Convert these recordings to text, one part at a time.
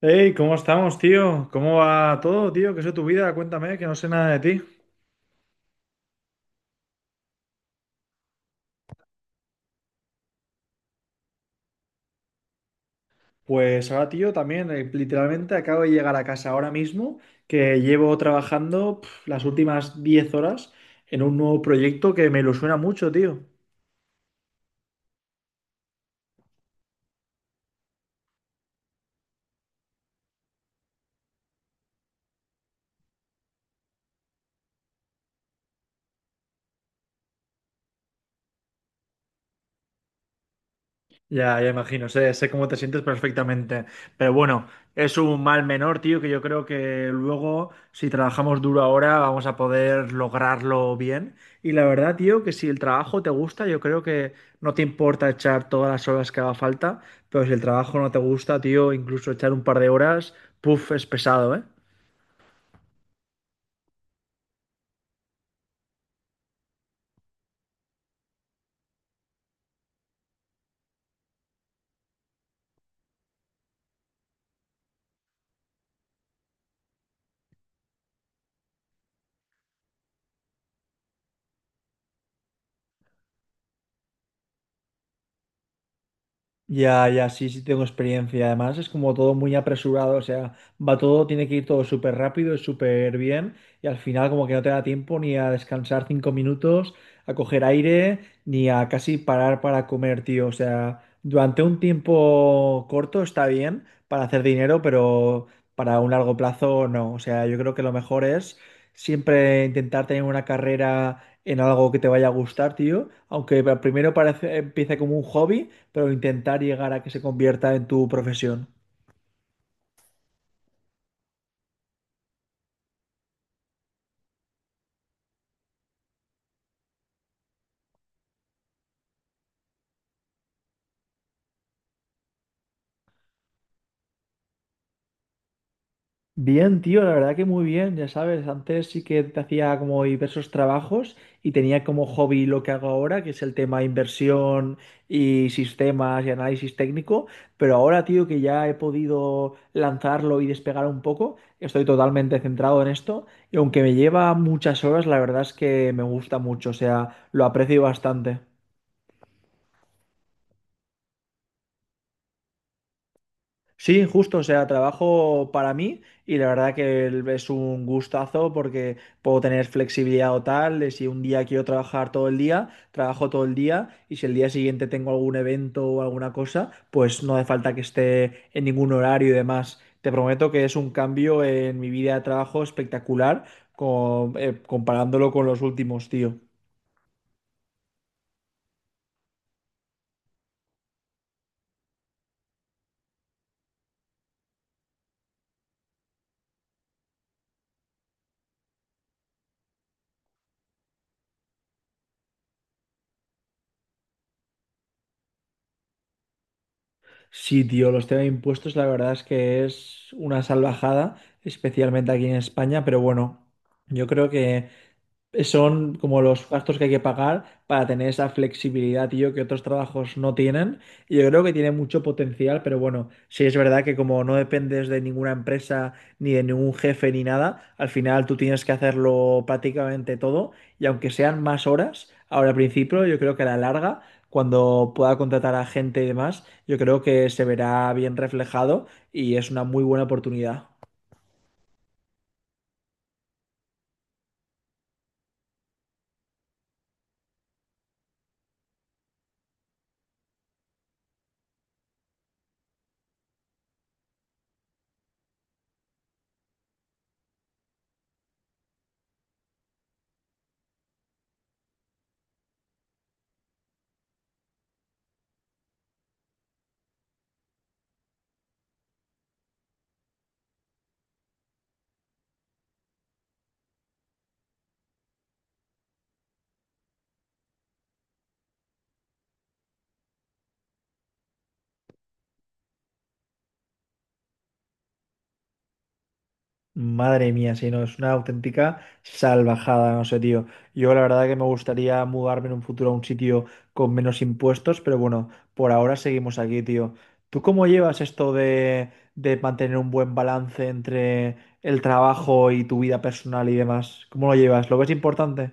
Hey, ¿cómo estamos, tío? ¿Cómo va todo, tío? ¿Qué es de tu vida? Cuéntame, que no sé nada de ti. Pues ahora, tío, también, literalmente acabo de llegar a casa ahora mismo, que llevo trabajando pf, las últimas 10 horas en un nuevo proyecto que me ilusiona mucho, tío. Ya, ya imagino, sé cómo te sientes perfectamente. Pero bueno, es un mal menor, tío, que yo creo que luego, si trabajamos duro ahora, vamos a poder lograrlo bien. Y la verdad, tío, que si el trabajo te gusta, yo creo que no te importa echar todas las horas que haga falta, pero si el trabajo no te gusta, tío, incluso echar un par de horas, puff, es pesado, ¿eh? Ya, ya, sí, sí tengo experiencia. Además, es como todo muy apresurado, o sea, va todo, tiene que ir todo súper rápido y súper bien, y al final como que no te da tiempo ni a descansar 5 minutos, a coger aire, ni a casi parar para comer, tío. O sea, durante un tiempo corto está bien para hacer dinero, pero para un largo plazo no. O sea, yo creo que lo mejor es siempre intentar tener una carrera en algo que te vaya a gustar, tío, aunque empiece como un hobby, pero intentar llegar a que se convierta en tu profesión. Bien, tío, la verdad que muy bien, ya sabes, antes sí que te hacía como diversos trabajos y tenía como hobby lo que hago ahora, que es el tema de inversión y sistemas y análisis técnico, pero ahora, tío, que ya he podido lanzarlo y despegar un poco, estoy totalmente centrado en esto y aunque me lleva muchas horas, la verdad es que me gusta mucho, o sea, lo aprecio bastante. Sí, justo, o sea, trabajo para mí y la verdad que es un gustazo porque puedo tener flexibilidad o tal, de si un día quiero trabajar todo el día, trabajo todo el día y si el día siguiente tengo algún evento o alguna cosa, pues no hace falta que esté en ningún horario y demás. Te prometo que es un cambio en mi vida de trabajo espectacular comparándolo con los últimos, tío. Sí, tío, los temas de impuestos, la verdad es que es una salvajada, especialmente aquí en España, pero bueno, yo creo que son como los gastos que hay que pagar para tener esa flexibilidad, tío, que otros trabajos no tienen. Y yo creo que tiene mucho potencial, pero bueno, sí es verdad que como no dependes de ninguna empresa, ni de ningún jefe, ni nada, al final tú tienes que hacerlo prácticamente todo. Y aunque sean más horas, ahora al principio, yo creo que a la larga, cuando pueda contratar a gente y demás, yo creo que se verá bien reflejado y es una muy buena oportunidad. Madre mía, sí, no, es una auténtica salvajada, no sé, tío. Yo la verdad que me gustaría mudarme en un futuro a un sitio con menos impuestos, pero bueno, por ahora seguimos aquí, tío. ¿Tú cómo llevas esto de mantener un buen balance entre el trabajo y tu vida personal y demás? ¿Cómo lo llevas? ¿Lo ves importante?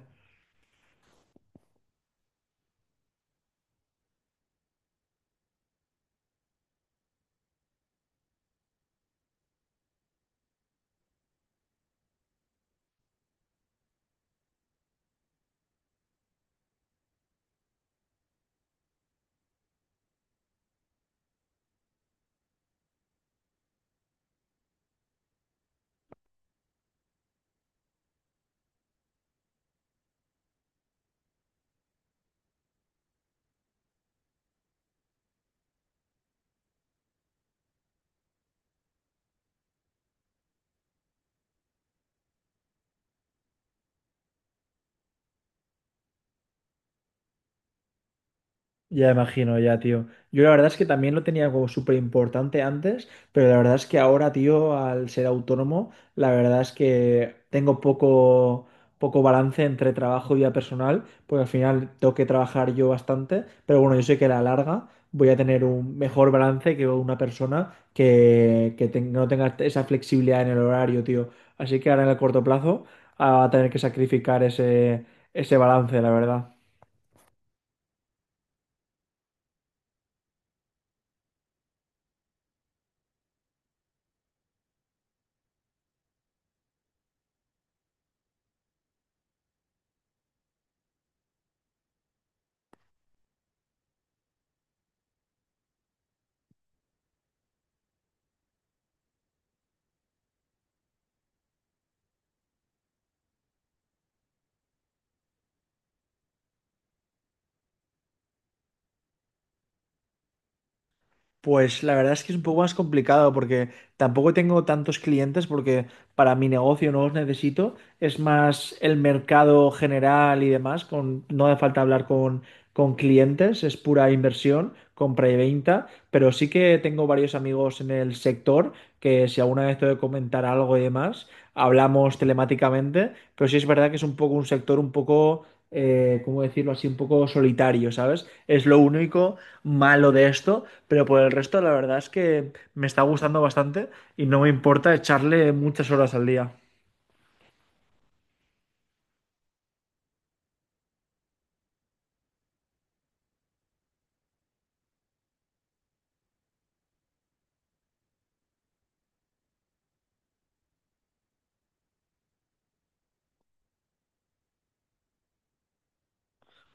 Ya imagino, ya, tío. Yo la verdad es que también lo tenía como súper importante antes, pero la verdad es que ahora, tío, al ser autónomo, la verdad es que tengo poco balance entre trabajo y vida personal, porque al final tengo que trabajar yo bastante, pero bueno, yo sé que a la larga voy a tener un mejor balance que una persona que no tenga esa flexibilidad en el horario, tío. Así que ahora en el corto plazo, ah, va a tener que sacrificar ese balance, la verdad. Pues la verdad es que es un poco más complicado porque tampoco tengo tantos clientes porque para mi negocio no los necesito. Es más el mercado general y demás, con, no hace falta hablar con clientes, es pura inversión, compra y venta, pero sí que tengo varios amigos en el sector que si alguna vez tengo que comentar algo y demás, hablamos telemáticamente, pero sí es verdad que es un poco un sector un ¿cómo decirlo así? Un poco solitario, ¿sabes? Es lo único malo de esto, pero por el resto la verdad es que me está gustando bastante y no me importa echarle muchas horas al día.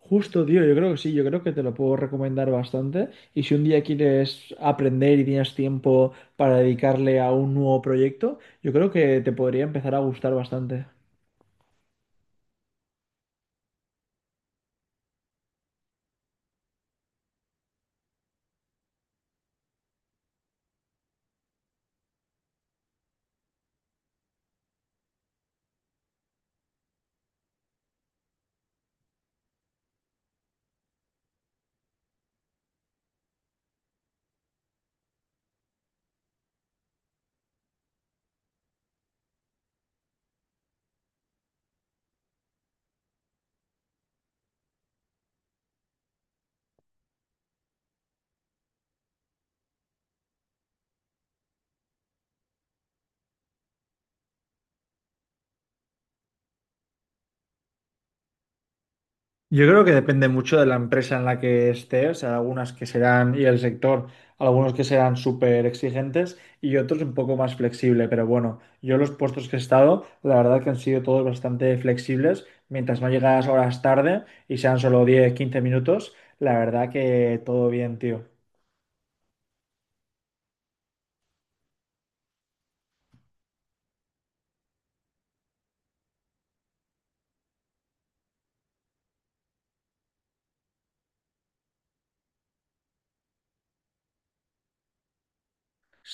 Justo, tío, yo creo que sí, yo creo que te lo puedo recomendar bastante. Y si un día quieres aprender y tienes tiempo para dedicarle a un nuevo proyecto, yo creo que te podría empezar a gustar bastante. Yo creo que depende mucho de la empresa en la que estés, o sea, y el sector, algunos que serán súper exigentes y otros un poco más flexible, pero bueno, yo los puestos que he estado, la verdad que han sido todos bastante flexibles, mientras no llegas horas tarde y sean solo 10, 15 minutos, la verdad que todo bien, tío.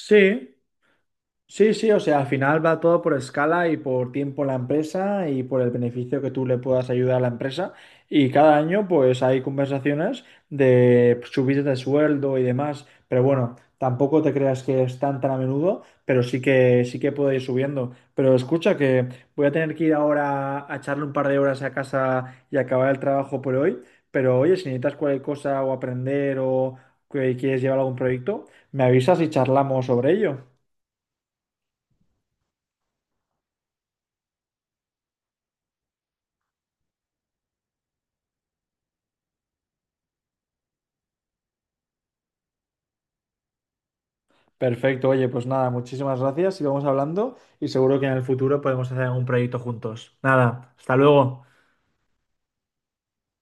Sí, sí, o sea, al final va todo por escala y por tiempo en la empresa y por el beneficio que tú le puedas ayudar a la empresa. Y cada año, pues hay conversaciones de subidas de sueldo y demás. Pero bueno, tampoco te creas que es tan tan a menudo, pero sí que puede ir subiendo. Pero escucha que voy a tener que ir ahora a echarle un par de horas a casa y acabar el trabajo por hoy. Pero oye, si necesitas cualquier cosa o aprender o que quieres llevar algún proyecto, me avisas y charlamos sobre ello. Perfecto, oye, pues nada, muchísimas gracias y vamos hablando y seguro que en el futuro podemos hacer algún proyecto juntos. Nada, hasta luego.